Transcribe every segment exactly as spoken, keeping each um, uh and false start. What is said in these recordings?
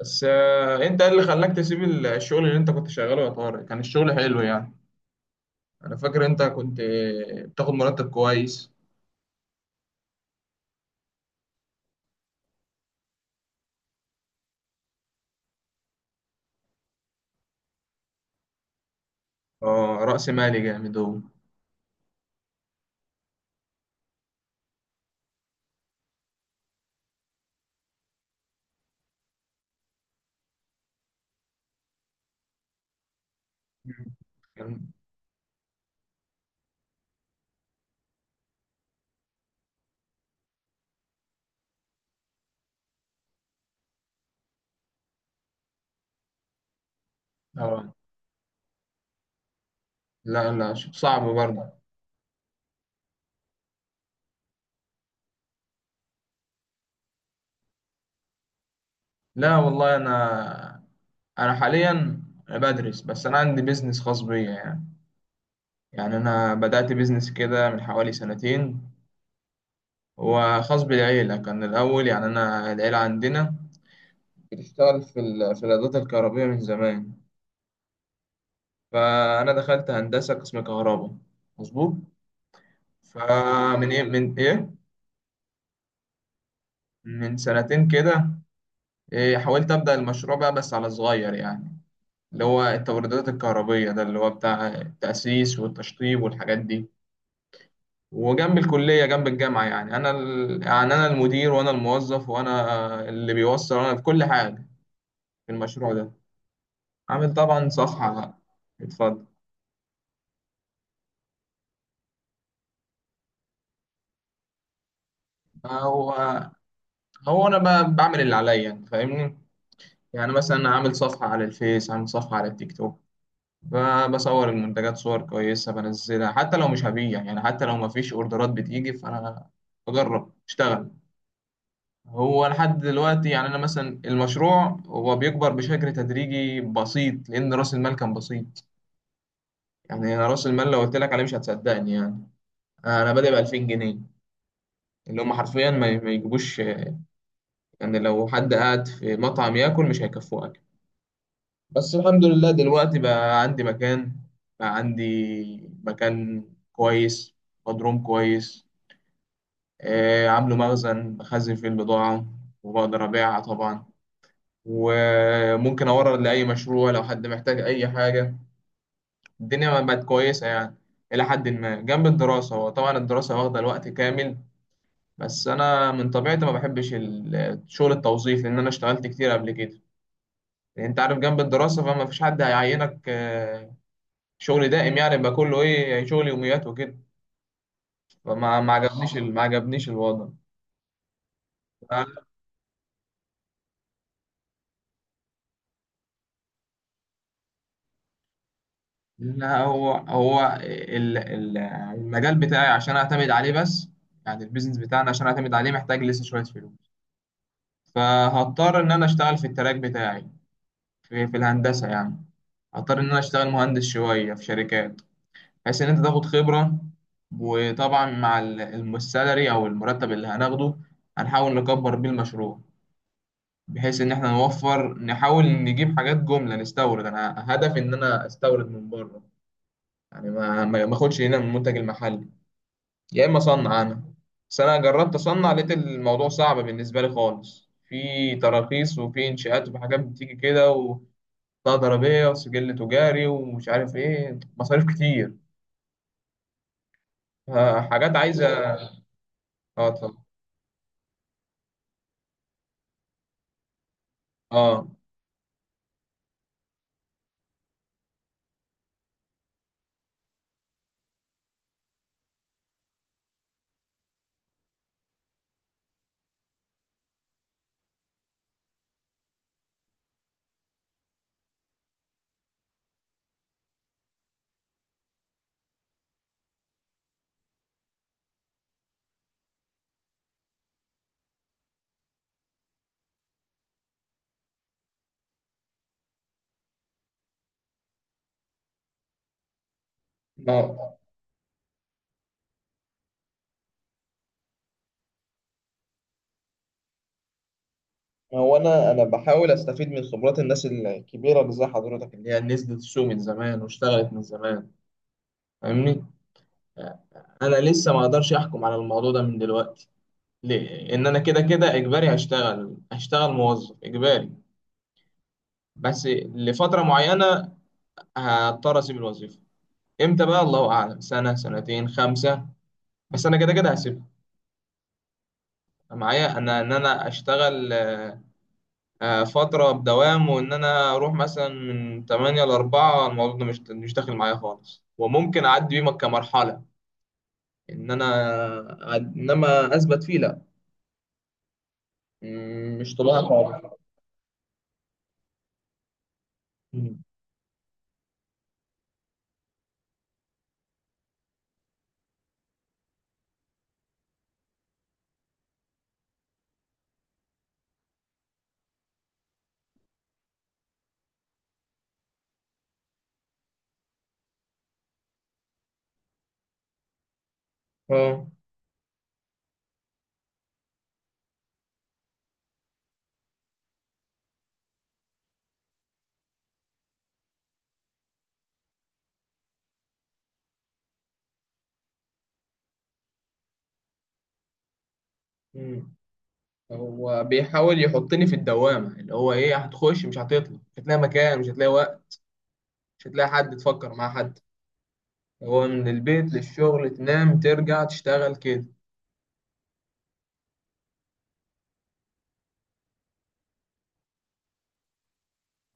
بس آه، انت ايه اللي خلاك تسيب ال- الشغل اللي انت كنت شغاله يا طارق، كان الشغل حلو يعني. انا فاكر انت كنت آه، بتاخد مرتب كويس. اه، رأس مالي جامد هو. مم. كان- اه، لا، لا، ش- صعب برضه. لا والله انا انا حاليا بدرس، بس انا عندي بيزنس خاص بيا يعني. يعني انا بدأت بيزنس كده من حوالي سنتين، هو خاص بالعيلة كان الاول يعني، انا العيلة عندنا بتشتغل في ال- في الادوات الكهربائية من زمان، فأنا دخلت هندسة قسم كهرباء. مظبوط. فمن إيه من إيه من سنتين كده، إيه حاولت أبدأ المشروع بقى بس على صغير يعني، اللي هو التوريدات الكهربية، ده اللي هو بتاع التأسيس والتشطيب والحاجات دي. وجنب الكلية، جنب الجامعة، يعني أنا ال... يعني أنا المدير وأنا الموظف وأنا اللي بيوصل وأنا في كل حاجة في المشروع ده. عامل طبعا صفحة بقى. اتفضل. هو هو أنا بقى بعمل اللي عليا يعني، فاهمني. يعني مثلا، عامل صفحة على الفيس، عامل صفحة على التيك توك، ب- بصور المنتجات صور كويسة بنزلها، حتى لو مش هبيع يعني، حتى لو مفيش اوردرات بتيجي فأنا بجرب اشتغل. هو لحد دلوقتي يعني أنا مثلا المشروع هو بيكبر بشكل تدريجي بسيط لأن رأس المال كان بسيط. يعني أنا رأس المال لو قلت لك عليه مش هتصدقني يعني، أنا بادئ ب ألفين جنيه، اللي هم حرفيا ما ما يجيبوش يعني، لو حد قاعد في مطعم ياكل مش هيكفوه. بس الحمد لله دلوقتي بقى عندي مكان، بقى عندي مكان كويس، مضروم كويس، آه، عامله مخزن بخزن فيه البضاعة وبقدر أبيعها طبعا، وممكن أورد لأي مشروع لو حد محتاج أي حاجة. الدنيا ما بقت كويسة يعني، إلى حد ما، جنب الدراسة، وطبعا الدراسة واخدة الوقت كامل. بس أنا من طبيعتي ما بحبش ال- شغل التوظيف، لأن أنا اشتغلت كتير قبل كده، يعني أنت عارف جنب الدراسة فما فيش حد هيعينك آه، شغل دائم، يعني بقى كله ايه يعني، شغل يوميات وكده. فما ما عجبنيش اه ال- ما عجبنيش الوضع. ف- لا، هو هو ال- ال- المجال بتاعي عشان اعتمد عليه بس، يعني البيزنس بتاعنا عشان اعتمد عليه محتاج لسه شوية فلوس، فهضطر ان انا اشتغل في التراك بتاعي، في, في الهندسة يعني. هضطر ان انا اشتغل مهندس شوية في شركات، بحيث ان انت تاخد خبرة، وطبعا مع ال- الم- السالري او المرتب اللي هناخده هنحاول نكبر بيه المشروع، بحيث ان احنا نوفر، نحاول نجيب حاجات جملة نستورد، انا هدفي ان انا استورد من بره، يعني ما ما ما اخدش هنا من المنتج المحلي، يا اما اصنع انا. بس انا جربت اصنع لقيت الموضوع صعب بالنسبة لي خالص، في تراخيص وفي انشاءات وفي حاجات بتيجي كده، وبطاقة ضريبية وسجل تجاري ومش عارف ايه، مصاريف كتير، آه، حاجات عايزة. اه طبعا. اه. آه. هو انا انا بحاول استفيد من خبرات الناس الكبيره اللي زي حضرتك، اللي هي نزلت السوق من زمان واشتغلت من زمان، فاهمني. انا لسه ما اقدرش احكم على الموضوع ده من دلوقتي، ليه؟ ان انا كده كده اجباري هشتغل هشتغل موظف اجباري بس لفتره معينه، هضطر اسيب الوظيفه. امتى بقى؟ الله اعلم، سنه، سنتين، خمسه، بس انا كده كده هسيبها. معايا انا ان انا اشتغل آه، فترة بدوام، وإن أنا أروح مثلا من تمانية ل أربعة، الموضوع ده مش مش داخل معايا خالص، وممكن أعدي بيه كمرحلة، إن أنا أد- إنما أثبت فيه، لأ. مم، مش طبيعي خالص. مم. أه. مم. هو بيحاول يحطني في الدوامة، اللي هو إيه، هتخش مش هتطلع، مش هتلاقي مكان، مش هتلاقي وقت، مش هتلاقي حد تفكر مع حد، هو من البيت للشغل، تنام ترجع تشتغل كده.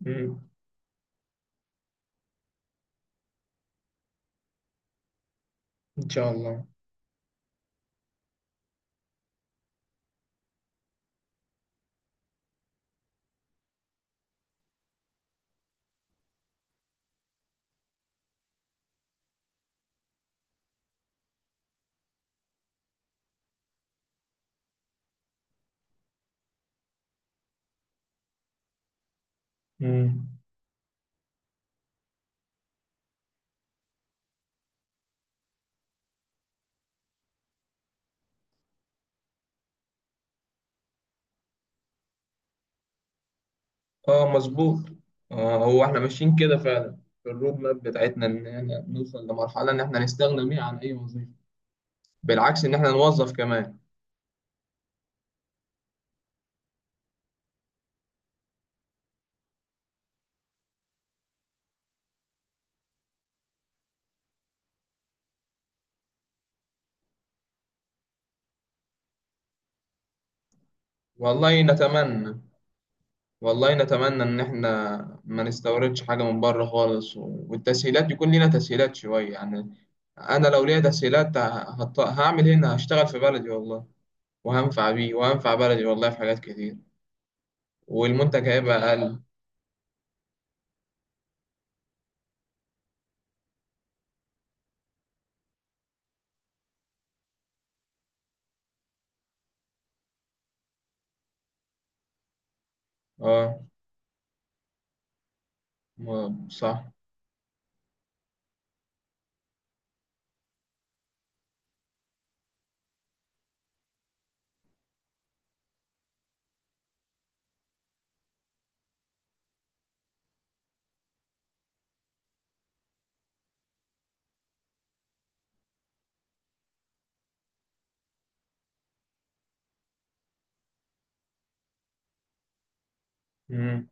مم. إن شاء الله. مم. اه، مظبوط. آه هو احنا ماشيين كده فعلا في الرود ماب بتاعتنا، ان احنا نوصل لمرحلة ان احنا نستغنى بيها عن اي وظيفة، بالعكس ان احنا نوظف كمان. والله نتمنى، والله نتمنى ان احنا ما نستوردش حاجة من بره خالص، و- والتسهيلات، يكون لنا تسهيلات شوية يعني. انا لو ليا تسهيلات ه- هط- هعمل هنا، هشتغل في بلدي والله، وهنفع بيه، وهنفع بلدي والله في حاجات كتير، والمنتج هيبقى اقل. اه. ما- صح. مم.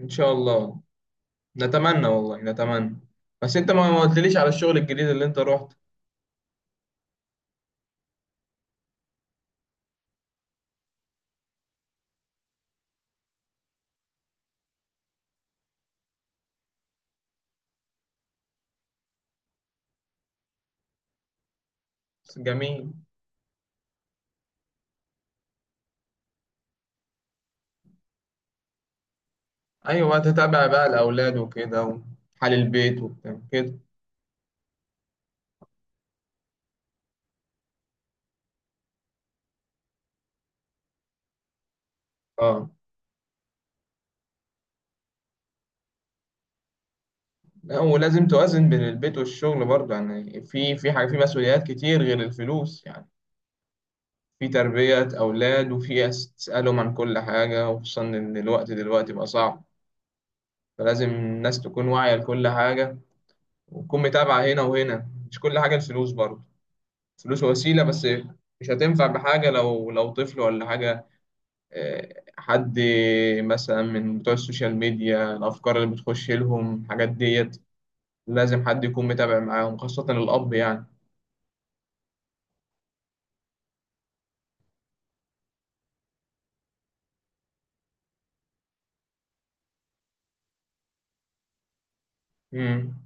ان شاء الله. نتمنى، والله نتمنى. بس انت ما ما قلتليش على الشغل الجديد اللي انت رحت. بس جميل. ايوه، تتابع بقى الاولاد وكده وحال البيت وبتاع كده. اه، لا ولازم توازن بين البيت والشغل برضه يعني، في في حاجه، في مسؤوليات كتير غير الفلوس يعني، في تربيه اولاد، وفي أس- تسالهم عن كل حاجه، وخصوصا ان الوقت دلوقتي بقى صعب. فلازم الناس تكون واعيه لكل حاجه، وتكون متابعه هنا وهنا، مش كل حاجه الفلوس برضه، الفلوس وسيلة بس، مش هتنفع بحاجة لو لو طفل ولا حاجة. آه، حد مثلا من بتوع السوشيال ميديا، الأفكار اللي بتخش لهم الحاجات ديت، لازم حد يكون متابع معاهم، خاصة الأب يعني. مم.